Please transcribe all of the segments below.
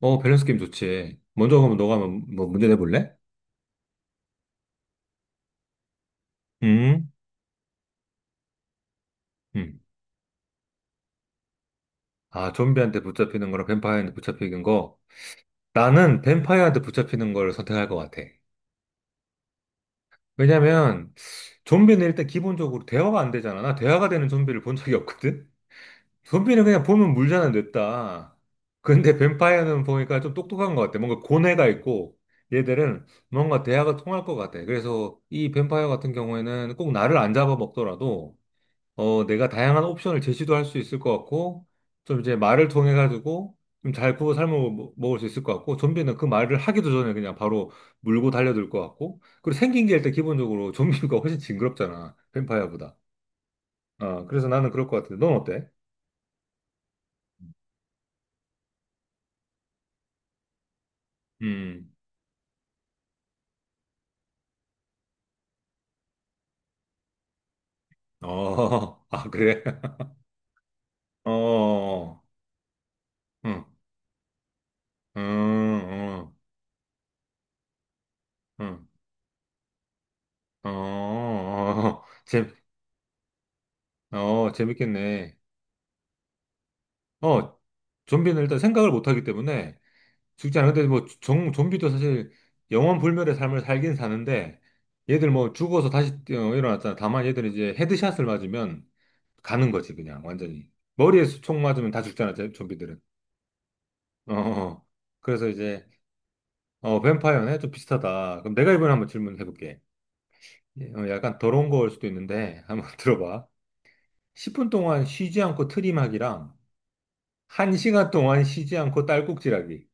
어, 밸런스 게임 좋지. 먼저 가면 너가 한번 뭐 문제 내볼래? 음, 음. 아, 좀비한테 붙잡히는 거랑 뱀파이어한테 붙잡히는 거. 나는 뱀파이어한테 붙잡히는 걸 선택할 것 같아. 왜냐면 좀비는 일단 기본적으로 대화가 안 되잖아. 나 대화가 되는 좀비를 본 적이 없거든? 좀비는 그냥 보면 물잖아, 냈다. 근데 뱀파이어는 보니까 좀 똑똑한 것 같아. 뭔가 고뇌가 있고 얘들은 뭔가 대화가 통할 것 같아. 그래서 이 뱀파이어 같은 경우에는 꼭 나를 안 잡아먹더라도 내가 다양한 옵션을 제시도 할 수 있을 것 같고, 좀 이제 말을 통해 가지고 좀 잘 구워 삶아 먹을 수 있을 것 같고, 좀비는 그 말을 하기도 전에 그냥 바로 물고 달려들 것 같고, 그리고 생긴 게 일단 기본적으로 좀비가 훨씬 징그럽잖아. 뱀파이어보다. 그래서 나는 그럴 것 같은데, 넌 어때? 음, 어, 아, 그래? 어, 어. 응, 음, 음, 음, 어, 어, 어. 어, 재밌겠네. 어, 좀비는 일단 생각을 못 하기 때문에, 죽지 않근데 뭐 좀비도 사실 영원 불멸의 삶을 살긴 사는데 얘들 뭐 죽어서 다시 일어났잖아. 다만 얘들은 이제 헤드샷을 맞으면 가는 거지 그냥 완전히. 머리에서 총 맞으면 다 죽잖아, 좀비들은. 어. 어. 어. 그래서 이제 어 뱀파이어네 좀 비슷하다. 그럼 내가 이번에 한번 질문해 볼게. 약간 더러운 거일 수도 있는데 한번 들어봐. 10분 동안 쉬지 않고 트림하기랑 1시간 동안 쉬지 않고 딸꾹질하기.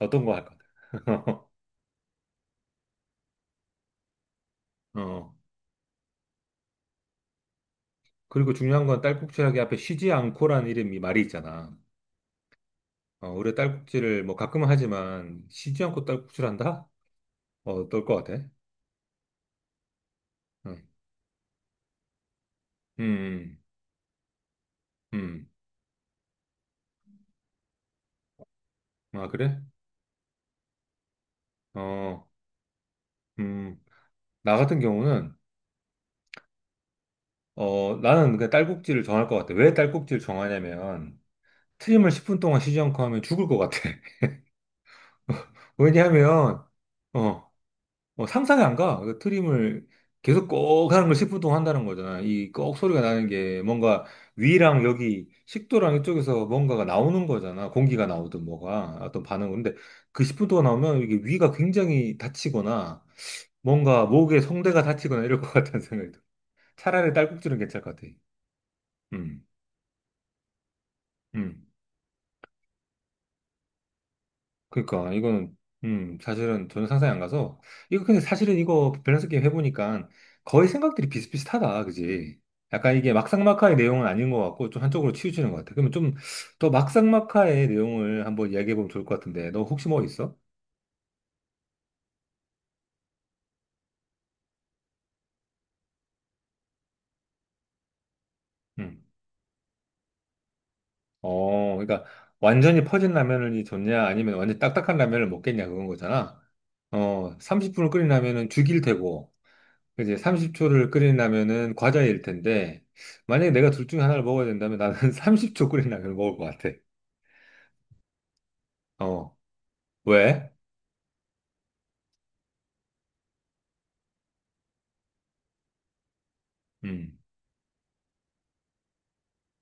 어떤 거 할까? 어. 어. 그리고 중요한 건 딸꾹질하기 앞에 쉬지 않고라는 이름이 말이 있잖아. 우리 딸꾹질을 뭐 가끔은 하지만 쉬지 않고 딸꾹질한다? 어떨 것 같아? 응. 음, 음, 아, 그래? 어, 음, 나 같은 경우는, 나는 그냥 딸꾹질을 정할 것 같아. 왜 딸꾹질을 정하냐면, 트림을 10분 동안 쉬지 않고 하면 죽을 것 같아. 왜냐하면, 어, 상상이 안 가. 그 트림을 계속 꼭 하는 걸 10분 동안 한다는 거잖아. 이 꼭 소리가 나는 게 뭔가 위랑 여기 식도랑 이쪽에서 뭔가가 나오는 거잖아. 공기가 나오든 뭐가 어떤 반응은. 근데 그 10분 동안 나오면 이게 위가 굉장히 다치거나 뭔가 목에 성대가 다치거나 이럴 것 같다는 생각이 들어. 차라리 딸꾹질은 괜찮을 것 같아. 음, 음. 그러니까 이거는 사실은 저는 상상이 안 가서 이거 근데 사실은 이거 밸런스 게임 해보니까 거의 생각들이 비슷비슷하다 그지 약간 이게 막상막하의 내용은 아닌 것 같고 좀 한쪽으로 치우치는 것 같아 그러면 좀 더 막상막하의 내용을 한번 이야기해보면 좋을 것 같은데 너 혹시 뭐 있어? 음. 어 그러니까 완전히 퍼진 라면이 좋냐 아니면 완전 히 딱딱한 라면을 먹겠냐 그건 거잖아 어 30분을 끓인 라면은 죽일 테고 이제 30초를 끓인다면은 과자일 텐데, 만약에 내가 둘 중에 하나를 먹어야 된다면 나는 30초 끓인 라면을 먹을 것 같아. 어, 왜? 음,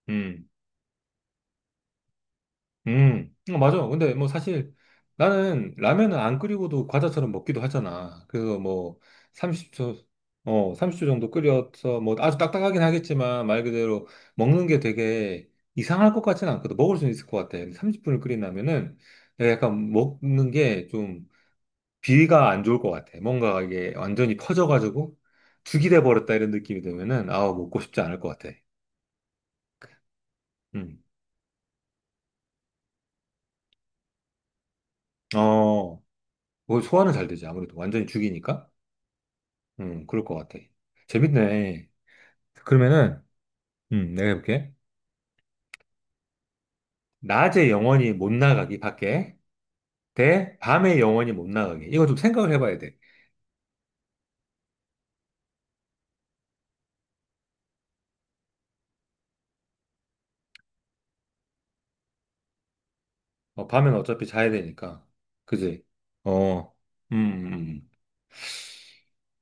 음, 어, 맞아. 근데 뭐 사실 나는 라면은 안 끓이고도 과자처럼 먹기도 하잖아. 그래서 뭐 30초, 어, 30초 정도 끓여서 뭐 아주 딱딱하긴 하겠지만 말 그대로 먹는 게 되게 이상할 것 같지는 않거든. 먹을 수는 있을 것 같아. 30분을 끓인다면은 내가 약간 먹는 게좀 비위가 안 좋을 것 같아. 뭔가 이게 완전히 퍼져가지고 죽이 돼버렸다 이런 느낌이 들면은 아 먹고 싶지 않을 것 같아. 음. 어, 뭐 소화는 잘 되지. 아무래도 완전히 죽이니까. 그럴 것 같아. 재밌네. 그러면은 내가 해볼게. 낮에 영원히 못 나가기 밖에 대 밤에 영원히 못 나가기. 이거 좀 생각을 해봐야 돼. 밤엔 어차피 자야 되니까. 그지? 어, 음, 음. 음.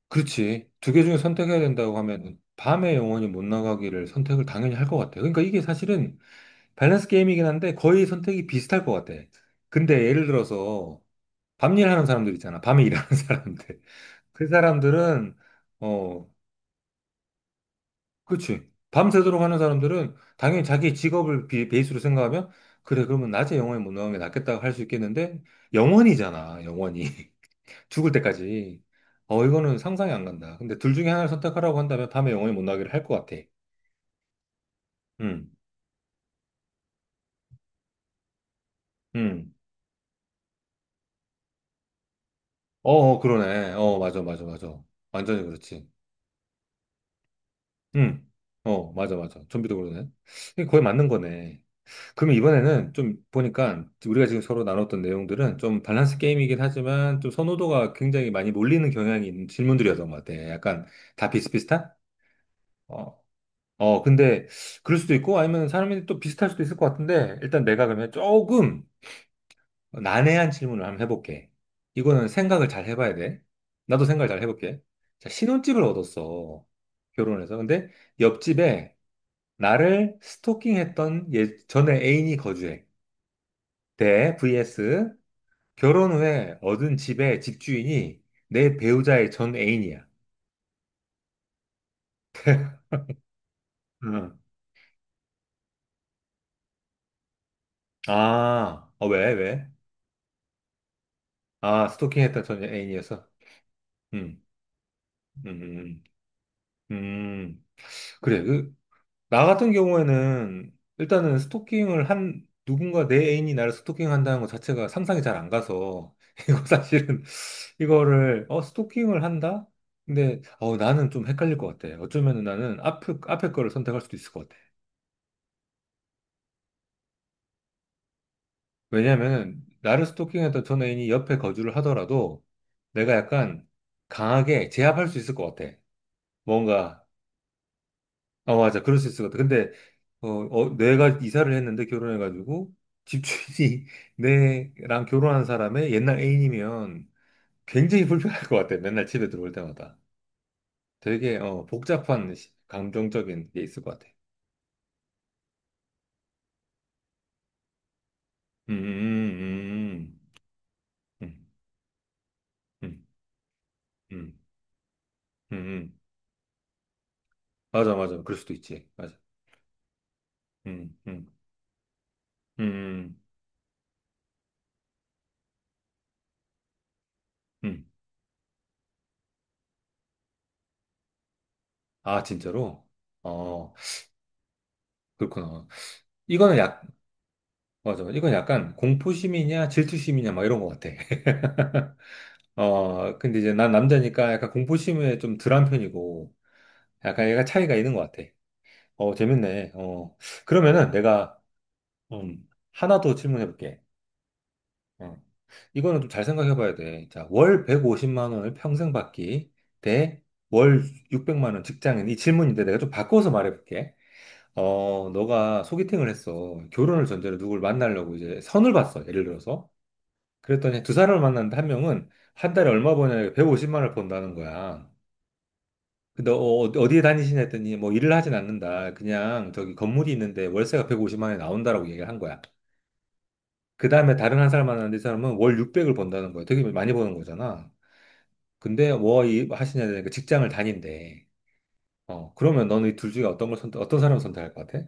그렇지. 두 개 중에 선택해야 된다고 하면 밤에 영원히 못 나가기를 선택을 당연히 할 것 같아. 그러니까 이게 사실은 밸런스 게임이긴 한데 거의 선택이 비슷할 것 같아. 근데 예를 들어서 밤 일하는 사람들 있잖아. 밤에 일하는 사람들. 그 사람들은 어, 그렇지. 밤새도록 하는 사람들은 당연히 자기 직업을 베이스로 생각하면 그래, 그러면 낮에 영원히 못 나가는 게 낫겠다고 할 수 있겠는데 영원이잖아, 영원히. 죽을 때까지. 이거는 상상이 안 간다. 근데 둘 중에 하나를 선택하라고 한다면 밤에 영원히 못 나기를 할 것 같아. 음, 음. 어, 어, 그러네. 어, 맞아, 맞아, 맞아. 완전히 그렇지. 음. 어, 맞아, 맞아. 좀비도 그러네. 이게 거의 맞는 거네. 그럼 이번에는 좀 보니까 우리가 지금 서로 나눴던 내용들은 좀 밸런스 게임이긴 하지만 좀 선호도가 굉장히 많이 몰리는 경향이 있는 질문들이었던 것 같아. 약간 다 비슷비슷한? 어. 근데 그럴 수도 있고 아니면 사람이 또 비슷할 수도 있을 것 같은데 일단 내가 그러면 조금 난해한 질문을 한번 해볼게. 이거는 생각을 잘 해봐야 돼. 나도 생각을 잘 해볼게. 자, 신혼집을 얻었어. 결혼해서. 근데 옆집에 나를 스토킹했던 예, 전에 애인이 거주해. 대 vs 결혼 후에 얻은 집의 집주인이 내 배우자의 전 애인이야. 응. 아, 어, 왜, 왜? 아, 스토킹했던 전 애인이어서. 음, 음. 음. 음. 음, 그래. 나 같은 경우에는 일단은 스토킹을 한, 누군가 내 애인이 나를 스토킹한다는 것 자체가 상상이 잘 안 가서, 이거 사실은, 이거를, 스토킹을 한다? 근데, 나는 좀 헷갈릴 것 같아. 어쩌면 나는 앞에 거를 선택할 수도 있을 것 같아. 왜냐면은, 나를 스토킹했던 전 애인이 옆에 거주를 하더라도, 내가 약간 강하게 제압할 수 있을 것 같아. 뭔가, 아, 맞아. 그럴 수 있을 것 같아. 근데, 내가 이사를 했는데 결혼해가지고, 집주인이 내랑 결혼한 사람의 옛날 애인이면 굉장히 불편할 것 같아. 맨날 집에 들어올 때마다. 되게, 복잡한 감정적인 게 있을 것 같아. 음, 음, 음, 음, 음, 음, 음. 음. 맞아, 맞아. 그럴 수도 있지. 맞아. 음, 음, 음, 음. 음. 아, 진짜로? 어, 그렇구나. 이거는 맞아. 이건 약간 공포심이냐 질투심이냐 막 이런 것 같아. 근데 이제 난 남자니까 약간 공포심에 좀 덜한 편이고, 약간 얘가 차이가 있는 것 같아. 어, 재밌네. 그러면은 내가, 하나 더 질문해볼게. 어, 이거는 좀 잘 생각해봐야 돼. 자, 월 150만 원을 평생 받기 대 월 600만 원 직장인. 이 질문인데 내가 좀 바꿔서 말해볼게. 너가 소개팅을 했어. 결혼을 전제로 누굴 만나려고 이제 선을 봤어. 예를 들어서. 그랬더니 두 사람을 만났는데 한 명은 한 달에 얼마 버냐 150만 원을 번다는 거야. 근데 어, 어디에 다니시냐 했더니 뭐 일을 하진 않는다. 그냥 저기 건물이 있는데 월세가 150만 원이 나온다라고 얘기를 한 거야. 그 다음에 다른 한 사람 만났는데 이 사람은 월 600을 번다는 거야. 되게 많이 버는 거잖아. 근데 뭐 하시냐 하니까 직장을 다닌대. 그러면 너는 이 둘 중에 어떤 걸 선택, 어떤 사람을 선택할 것 같아?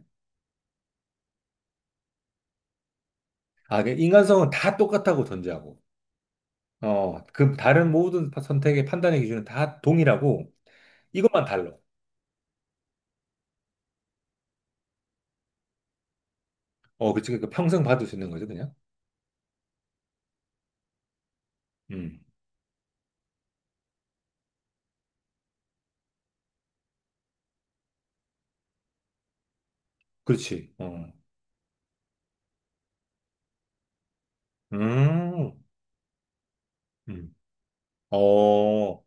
아, 그 인간성은 다 똑같다고 전제하고. 그 다른 모든 선택의 판단의 기준은 다 동일하고 이것만 달라. 어, 그치. 그러니까 평생 받을 수 있는 거지, 그냥. 음, 그렇지. 음. 음. 어,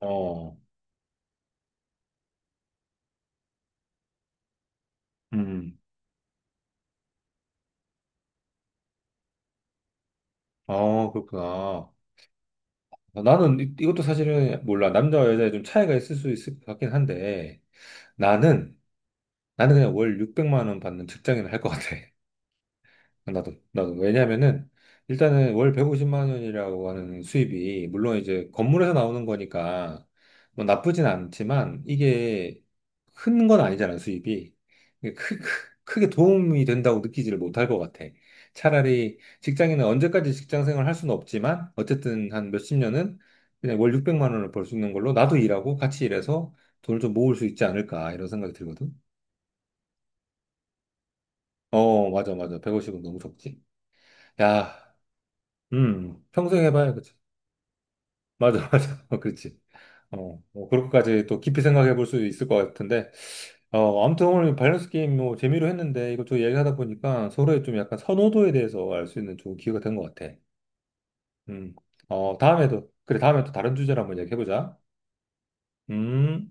어, 음, 아, 그렇구나. 나는 이것도 사실은 몰라. 남자와 여자에 좀 차이가 있을 수 있을 것 같긴 한데, 나는, 나는 그냥 월 600만 원 받는 직장인을 할 것 같아. 나도. 왜냐면은, 일단은 월 150만 원이라고 하는 수입이, 물론 이제 건물에서 나오는 거니까, 뭐 나쁘진 않지만, 이게 큰 건 아니잖아, 수입이. 이게 크게 도움이 된다고 느끼지를 못할 것 같아. 차라리 직장인은 언제까지 직장 생활 할 수는 없지만, 어쨌든 한 몇십 년은 그냥 월 600만 원을 벌 수 있는 걸로 나도 일하고 같이 일해서 돈을 좀 모을 수 있지 않을까, 이런 생각이 들거든. 어, 맞아, 맞아. 150은 너무 적지. 야. 평생 해봐야, 그치. 맞아, 맞아. 어, 그렇지. 어, 뭐, 그렇게까지 또 깊이 생각해 볼 수 있을 것 같은데. 아무튼 오늘 밸런스 게임 뭐 재미로 했는데 이것저것 얘기하다 보니까 서로의 좀 약간 선호도에 대해서 알 수 있는 좋은 기회가 된 것 같아. 음, 어, 다음에도, 그래, 다음에 또 다른 주제로 한번 얘기해보자. 음.